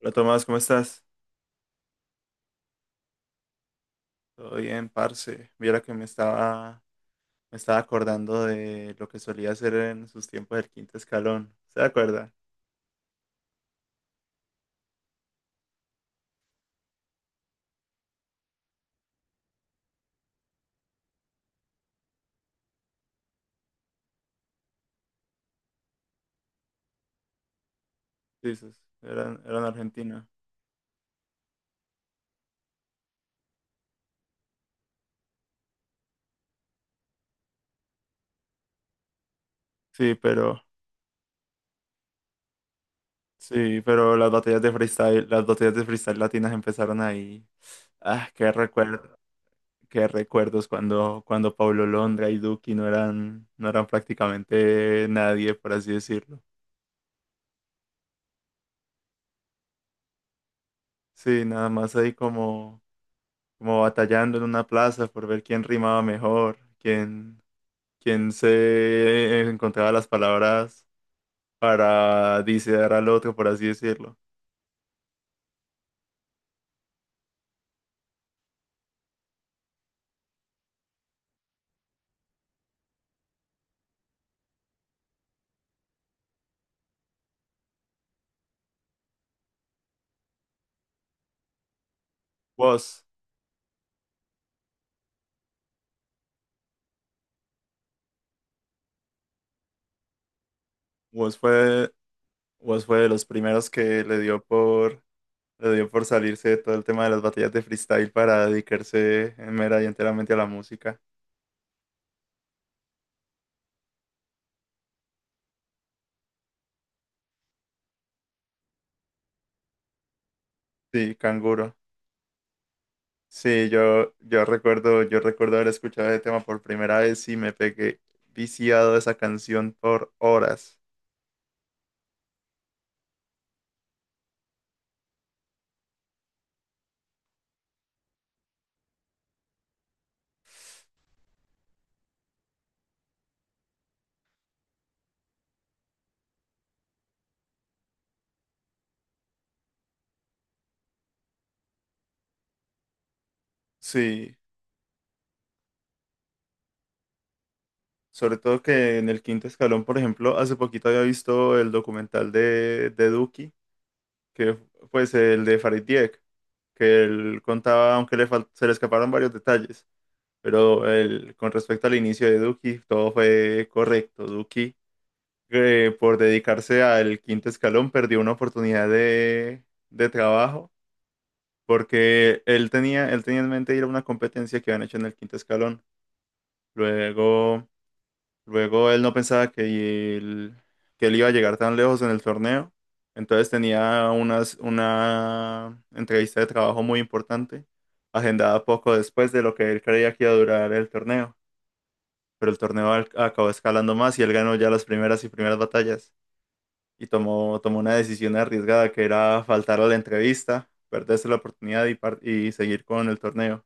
Hola Tomás, ¿cómo estás? Todo bien, parce. Mira que me estaba acordando de lo que solía hacer en sus tiempos del quinto escalón. ¿Se acuerda? Sí, sí, sí. Eran en Argentina. Sí, pero, sí, pero las batallas de freestyle, las batallas de freestyle latinas empezaron ahí. Ah, qué recuerdo, qué recuerdos cuando Pablo Londra y Duki no eran prácticamente nadie, por así decirlo. Sí, nada más ahí como batallando en una plaza por ver quién rimaba mejor, quién, quién se encontraba las palabras para disear al otro, por así decirlo. Woz, Woz fue, Woz fue de los primeros que le dio por salirse de todo el tema de las batallas de freestyle para dedicarse en mera y enteramente a la música. Sí, Canguro. Sí, yo recuerdo haber escuchado ese tema por primera vez y me pegué viciado a esa canción por horas. Sí. Sobre todo que en el quinto escalón, por ejemplo, hace poquito había visto el documental de Duki, que pues el de Farid Dieck, que él contaba, aunque se le escaparon varios detalles, pero él, con respecto al inicio de Duki, todo fue correcto. Duki, por dedicarse al quinto escalón, perdió una oportunidad de trabajo, porque él tenía en mente ir a una competencia que habían hecho en el quinto escalón. Luego... Luego él no pensaba que él iba a llegar tan lejos en el torneo. Entonces una entrevista de trabajo muy importante, agendada poco después de lo que él creía que iba a durar el torneo. Pero el torneo acabó escalando más y él ganó ya las primeras y primeras batallas. Y tomó una decisión arriesgada que era faltar a la entrevista, perderse la oportunidad y seguir con el torneo.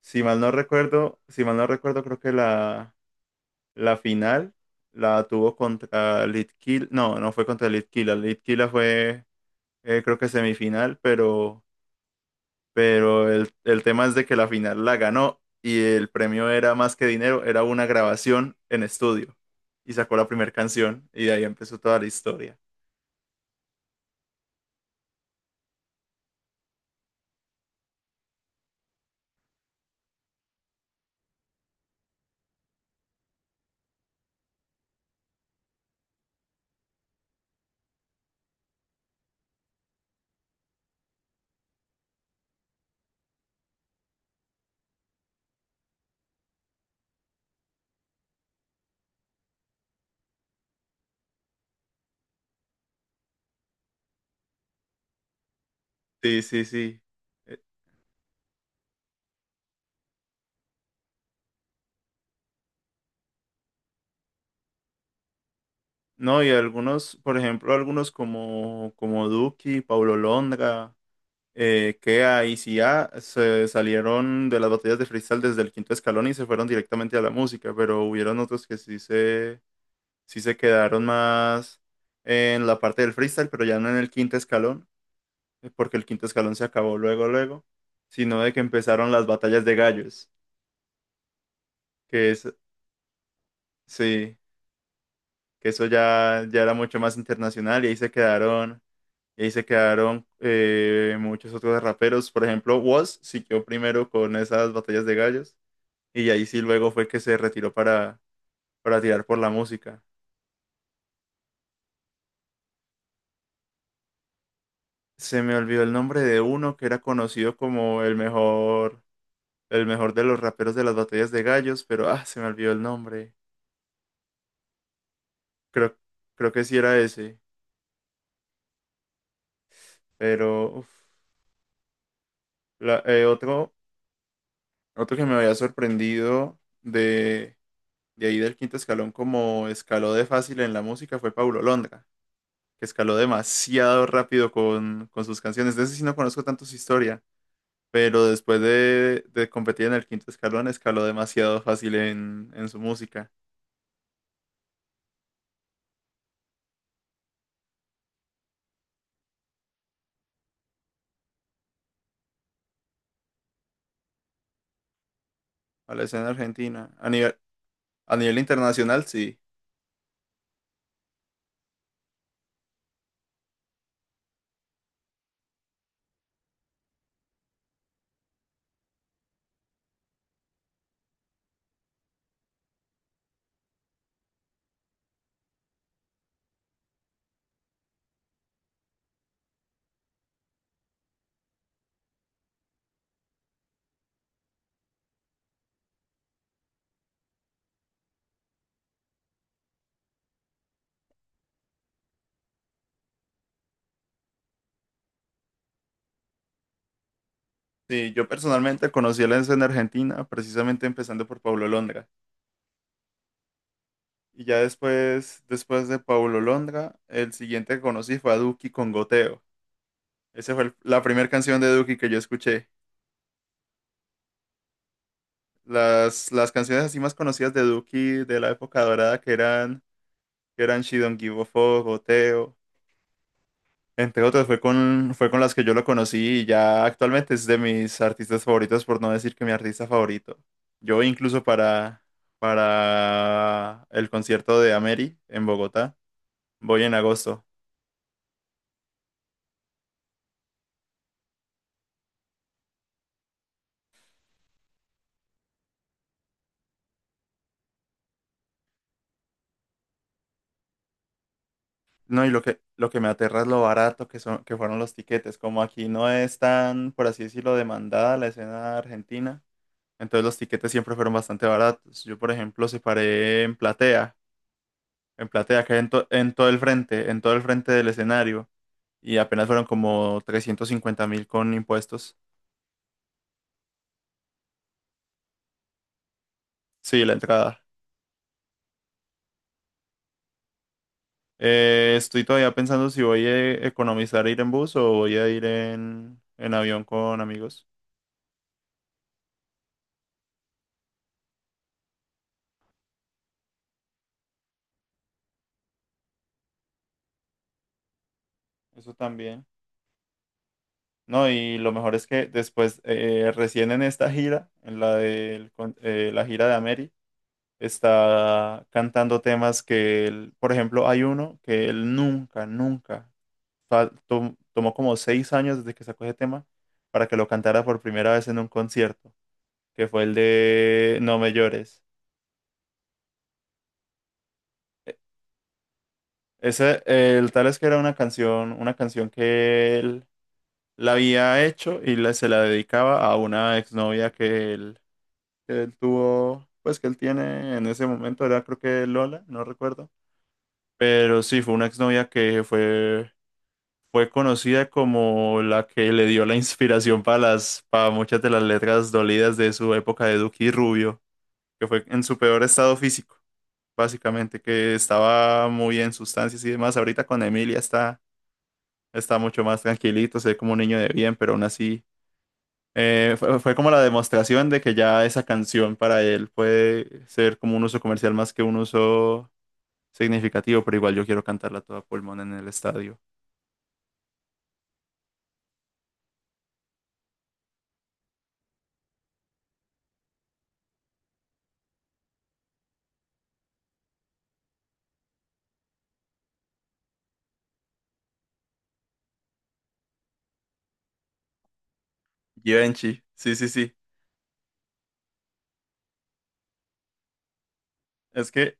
Si mal no recuerdo, creo que la final la tuvo contra Litkila. No, no fue contra Litkila. Litkila fue, creo que semifinal, pero el tema es de que la final la ganó y el premio era más que dinero, era una grabación en estudio. Y sacó la primera canción y de ahí empezó toda la historia. Sí, sí, sí. Eh, no, y algunos, por ejemplo, algunos como Duki, Paulo Londra. Eh, Kea y Sia se salieron de las batallas de freestyle desde el quinto escalón y se fueron directamente a la música, pero hubieron otros que sí se quedaron más en la parte del freestyle, pero ya no en el quinto escalón, porque el quinto escalón se acabó luego, sino de que empezaron las batallas de gallos, que es, sí, que eso ya era mucho más internacional y ahí se quedaron. Y ahí se quedaron muchos otros raperos. Por ejemplo, Wos siguió primero con esas batallas de gallos. Y ahí sí luego fue que se retiró para tirar por la música. Se me olvidó el nombre de uno que era conocido como el mejor de los raperos de las batallas de gallos, pero ah, se me olvidó el nombre. Creo, creo que sí era ese. Pero uf, la- eh, otro, otro que me había sorprendido de ahí del quinto escalón como escaló de fácil en la música fue Paulo Londra, que escaló demasiado rápido con sus canciones. De ese sí no conozco tanto su historia. Pero después de competir en el quinto escalón, escaló demasiado fácil en su música, a la escena argentina. A nivel internacional, sí. Sí, yo personalmente conocí a la escena argentina precisamente empezando por Paulo Londra. Y ya después, después de Paulo Londra, el siguiente que conocí fue a Duki con Goteo. Esa fue la primera canción de Duki que yo escuché. Las canciones así más conocidas de Duki de la época dorada que eran She Don't Give a Fuck, Goteo. Entre otras, fue con las que yo lo conocí y ya actualmente es de mis artistas favoritos, por no decir que mi artista favorito. Yo incluso para el concierto de Ameri en Bogotá, voy en agosto. No, y lo que me aterra es lo barato que que fueron los tiquetes. Como aquí no es tan, por así decirlo, demandada la escena argentina, entonces los tiquetes siempre fueron bastante baratos. Yo, por ejemplo, separé en platea, que hay en, en todo el frente, en todo el frente del escenario. Y apenas fueron como 350.000 con impuestos. Sí, la entrada. Estoy todavía pensando si voy a economizar ir en bus o voy a ir en avión con amigos. Eso también. No, y lo mejor es que después, recién en esta gira, en la la gira de Ameri, está cantando temas que, por ejemplo, hay uno que él nunca tomó como 6 años desde que sacó ese tema para que lo cantara por primera vez en un concierto, que fue el de No me llores. E- Ese, el tal es que era una canción que él la había hecho y se la dedicaba a una exnovia que él tuvo, pues que él tiene en ese momento, era creo que Lola, no recuerdo. Pero sí, fue una exnovia que fue, fue conocida como la que le dio la inspiración para para muchas de las letras dolidas de su época de Duque y Rubio, que fue en su peor estado físico. Básicamente, que estaba muy en sustancias y demás. Ahorita con Emilia está mucho más tranquilito, se ve como un niño de bien, pero aún así fue como la demostración de que ya esa canción para él puede ser como un uso comercial más que un uso significativo, pero igual yo quiero cantarla toda pulmón en el estadio. Givenchy, sí, sí, sí. Es que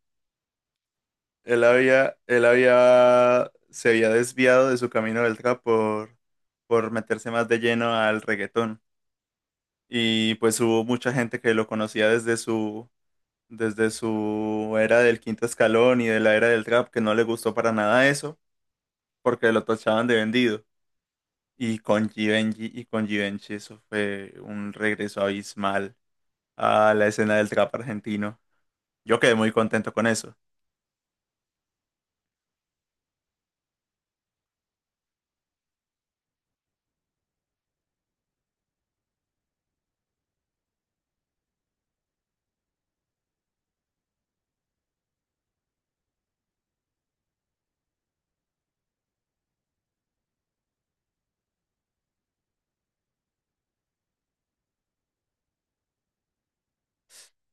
se había desviado de su camino del trap por meterse más de lleno al reggaetón. Y pues hubo mucha gente que lo conocía desde su era del quinto escalón y de la era del trap, que no le gustó para nada eso, porque lo tachaban de vendido. Y con Givenchy eso fue un regreso abismal a la escena del trap argentino. Yo quedé muy contento con eso.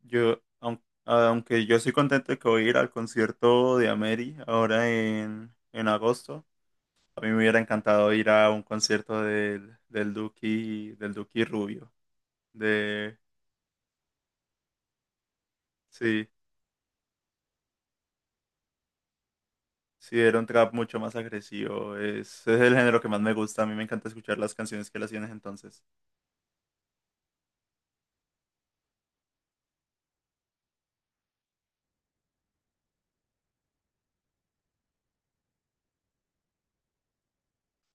Yo, aunque yo estoy contento de que voy a ir al concierto de Ameri ahora en agosto, a mí me hubiera encantado ir a un concierto del Duki Rubio. De, sí, sí, era un trap mucho más agresivo. Es el género que más me gusta. A mí me encanta escuchar las canciones que él hacía en ese entonces.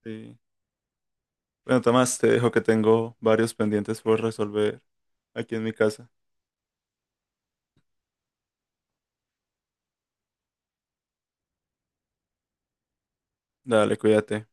Sí. Bueno, Tomás, te dejo que tengo varios pendientes por resolver aquí en mi casa. Dale, cuídate.